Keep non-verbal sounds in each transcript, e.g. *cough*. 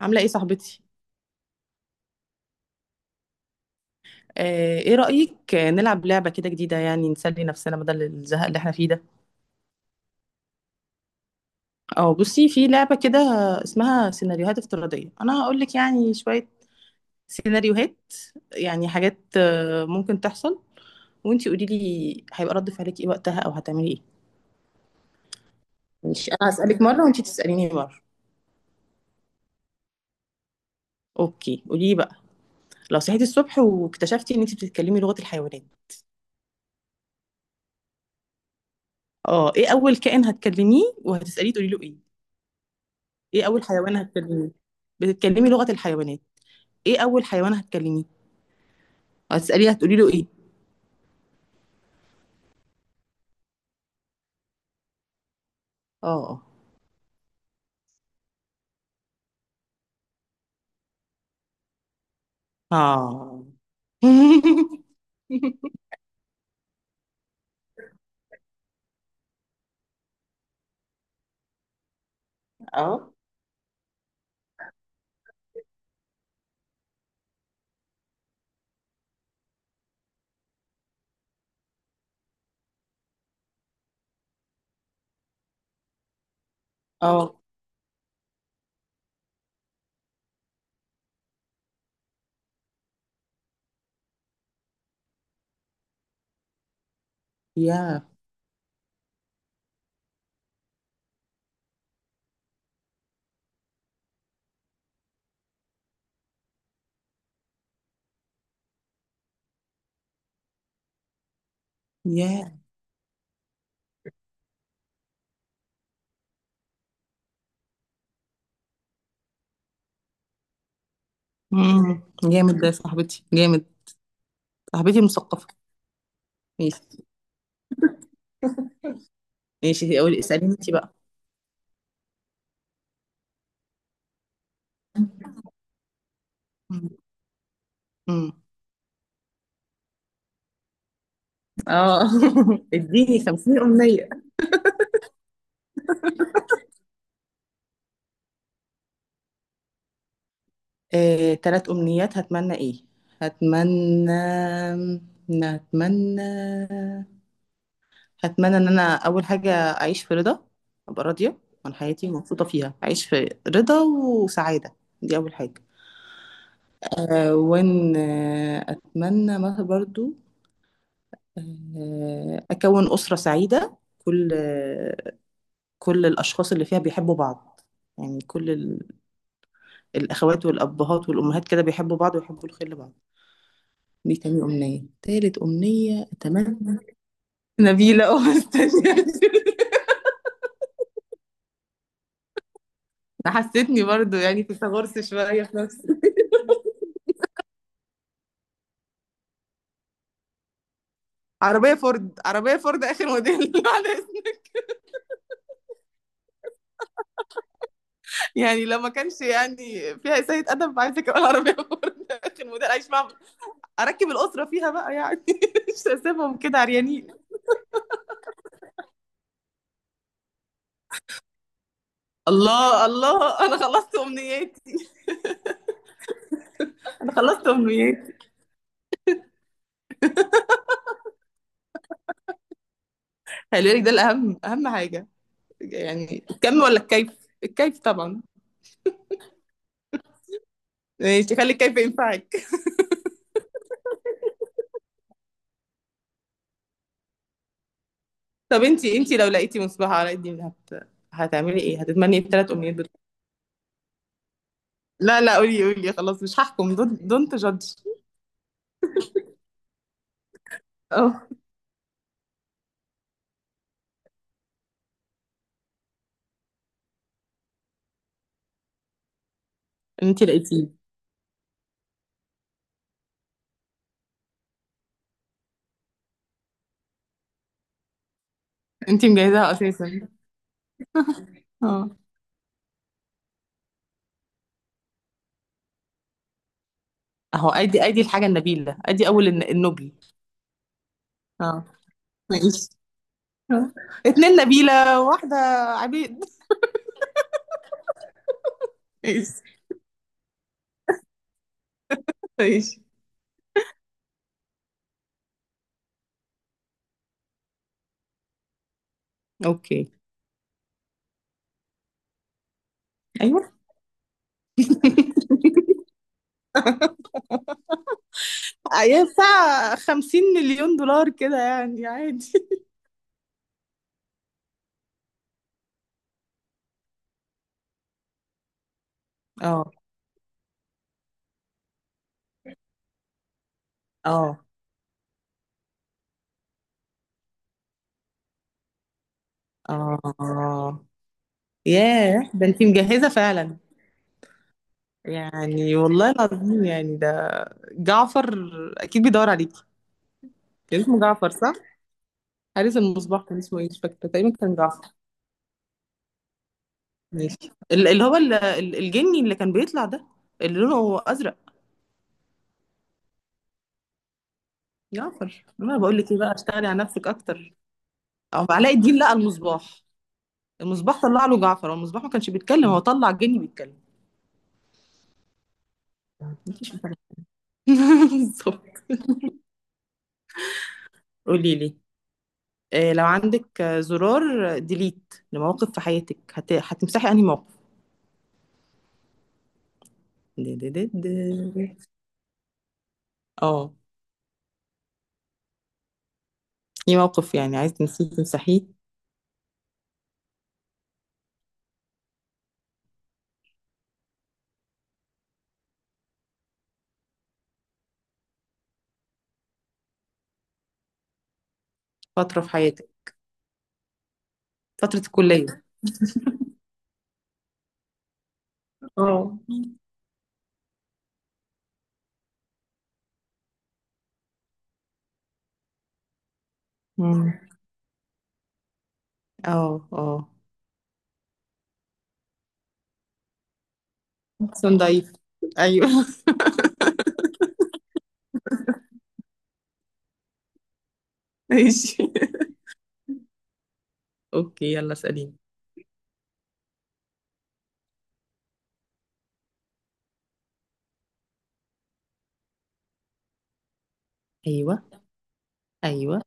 عاملة ايه صاحبتي؟ ايه رأيك، نلعب لعبة كده جديدة، يعني نسلي نفسنا بدل الزهق اللي احنا فيه ده. اه، بصي في لعبة كده اسمها سيناريوهات افتراضية. انا هقول لك يعني شوية سيناريوهات، يعني حاجات ممكن تحصل، وانتي قولي لي هيبقى رد فعلك ايه وقتها او هتعملي ايه. مش انا هسألك مرة وانتي تسأليني مرة. اوكي قولي لي بقى. لو صحيتي الصبح واكتشفتي ان انتي بتتكلمي لغة الحيوانات، اه ايه اول كائن هتكلميه وهتسأليه تقولي له ايه؟ ايه اول حيوان هتكلميه؟ بتتكلمي لغة الحيوانات، ايه اول حيوان هتكلميه؟ هتسأليه هتقولي له ايه؟ اه. اه. *laughs* اه. اه. يا. يا. مم. جامد ده يا صاحبتي، جامد. صاحبتي مثقفة. ماشي. ماشي، اقول اسأليني انت بقى. مم. مم. اه. *laughs* اديني 50 أمنية. تلات أمنيات هتمنى ايه. هتمنى، هتمنى، هتمنى ان انا اول حاجه اعيش في رضا، ابقى راضيه عن حياتي ومبسوطه فيها، اعيش في رضا وسعاده. دي اول حاجه. أه، وان اتمنى ما برضو أه اكون اسره سعيده. كل آه، كل الاشخاص اللي فيها بيحبوا بعض، يعني الاخوات والابهات والامهات كده بيحبوا بعض ويحبوا الخير لبعض. دي تاني امنيه. تالت امنيه اتمنى. نبيله، اه، مستنيه. *laughs* حسيتني برضو يعني في تغرس شويه في نفسي. عربية فورد آخر موديل، *laughs* بعد إذنك. يعني لو ما كانش يعني فيها إساءة أدب، عايزة كمان عربية فورد *laughs* آخر موديل، أعيش معاهم. أركب الأسرة فيها بقى يعني، *laughs* مش هسيبهم كده عريانين. الله، الله، أنا خلصت أمنياتي. أنا خلصت أمنياتي. خلي بالك ده الأهم، أهم حاجة، يعني الكم ولا الكيف؟ الكيف طبعا. ماشي، خلي الكيف ينفعك. طب انتي، لو لقيتي مصباح علاء الدين هتعملي ايه؟ هتتمني الثلاث امنيات دول؟ لا لا، قولي قولي، خلاص مش هحكم. دونت جادج. انت لقيتيه. انت مجهزاها اساسا. اه، اهو، ادي الحاجه النبيله، ادي اول النبل. اه. ماشي. آه. اتنين نبيله واحده. عبيد. ماشي. ماشي. اوكي. ايوه. ايوه، بتاع 50 مليون دولار كده يعني عادي. اه. اه. اه. ياه، ده انت مجهزه فعلا. يعني والله العظيم يعني ده. جعفر اكيد بيدور عليكي. كان اسمه جعفر، صح؟ حارس المصباح كان اسمه ايه، مش فاكره، تقريبا كان جعفر. ماشي اللي هو الجني اللي كان بيطلع ده، اللي لونه ازرق. جعفر. انا بقول لك ايه بقى، اشتغلي على نفسك اكتر. او علاء الدين لقى المصباح. المصباح طلع له جعفر، هو المصباح ما كانش بيتكلم، هو طلع الجني بيتكلم. مفيش مفاجأة. *laughs* بالظبط. قولي لي، لو عندك زرار ديليت لمواقف في حياتك، هتمسحي انهي موقف؟ دي دي دي دي. اه، ايه موقف يعني عايز تنسيه تمسحيه؟ فترة في حياتك. فترة الكلية. اه. مم. اه. اه. احسن، ضعيف. ايوه. *laughs* ماشي. اوكي يلا اساليني. ايوه. ايوه،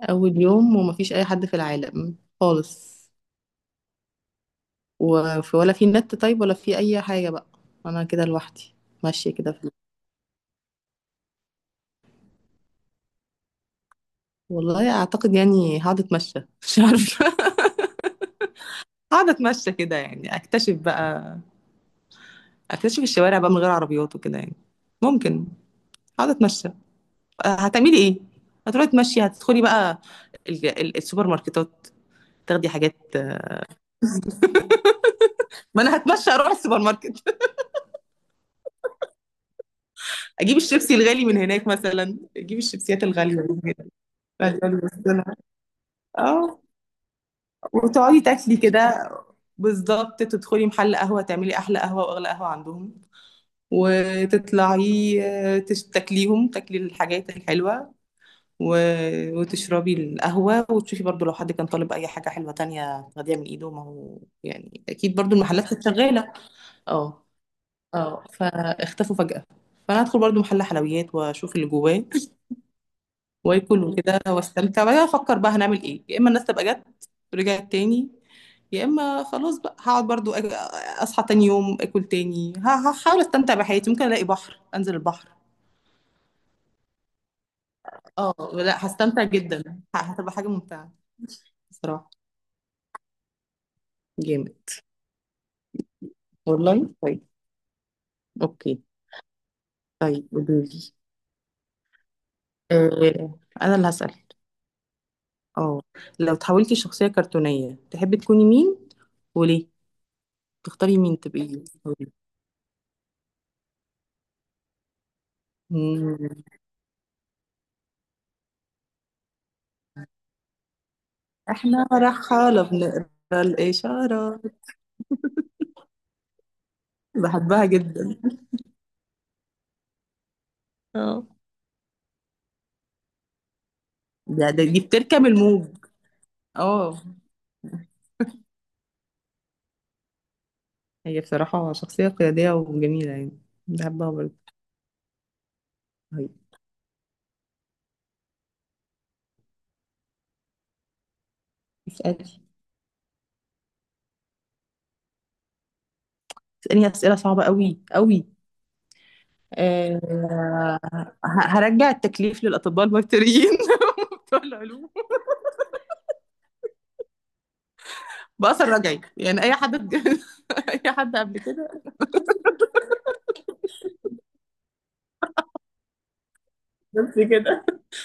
اول يوم ومفيش اي حد في العالم خالص، وفي ولا في نت طيب، ولا في اي حاجه بقى؟ انا كده لوحدي ماشيه كده في، والله اعتقد يعني هقعد اتمشى، *laughs* مش عارفه. هقعد اتمشى كده، يعني اكتشف بقى، اكتشف الشوارع بقى من غير عربيات وكده يعني. ممكن. هقعد اتمشى. هتعملي ايه؟ هتروحي تمشي، هتدخلي بقى السوبر ماركتات، تاخدي حاجات. ما انا هتمشى اروح السوبر ماركت، *laughs* اجيب الشيبسي الغالي من هناك، مثلا اجيب الشيبسيات الغاليه من هناك. بعدين أبص لها. اه، وتقعدي تاكلي كده. بالظبط، تدخلي محل قهوه، تعملي احلى قهوه واغلى قهوه عندهم، وتطلعي. تاكليهم، تاكلي الحاجات الحلوه، وتشربي القهوه، وتشوفي برضو لو حد كان طالب اي حاجه حلوه تانية تاخديها من ايده، ما هو يعني اكيد برضو المحلات كانت شغاله. اه. اه، فاختفوا فجاه. فانا هدخل برضو محل حلويات واشوف اللي جواه، واكل وكده واستمتع، وبعدين افكر بقى هنعمل ايه، يا اما الناس تبقى جت رجعت تاني، يا اما خلاص بقى هقعد برضو اصحى تاني يوم اكل تاني، هحاول استمتع بحياتي، ممكن الاقي بحر انزل البحر. اه، لا هستمتع جدا. هتبقى حاجه ممتعه بصراحه. جامد. والله طيب. اوكي. طيب قولي. آه انا اللي هسأل. اه، لو تحولتي شخصيه كرتونيه، تحبي تكوني مين وليه؟ تختاري مين تبقي؟ احنا رحالة بنقرا الإشارات. بحبها جدا. اه، دي بتركب الموج. اه. هي بصراحة شخصية قيادية وجميلة يعني، بحبها برضه. طيب اسألي. اسألني أسئلة صعبة قوي قوي. أه، هرجع التكليف للأطباء البيطريين، *laughs* بتوع العلوم، بأثر رجعي، يعني أي حد *laughs* أي حد قبل كده. بس كده.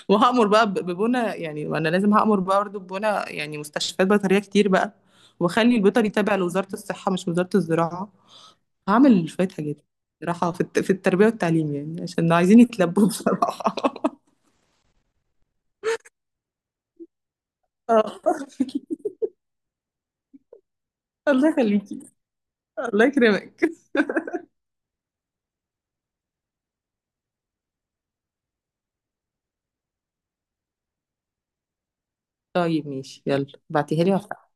وهأمر بقى ببنى يعني، وانا لازم هأمر بقى برضه ببنى يعني مستشفيات بيطرية كتير بقى، واخلي البيطري تابع لوزارة الصحة مش وزارة الزراعة. هعمل شوية حاجات صراحة في في التربية والتعليم، يعني عشان عايزين يتلبوا بصراحة. *laughs* آه. *laughs* الله يخليكي. الله يكرمك. طيب ماشي، يلا بعتيها لي وأفرح.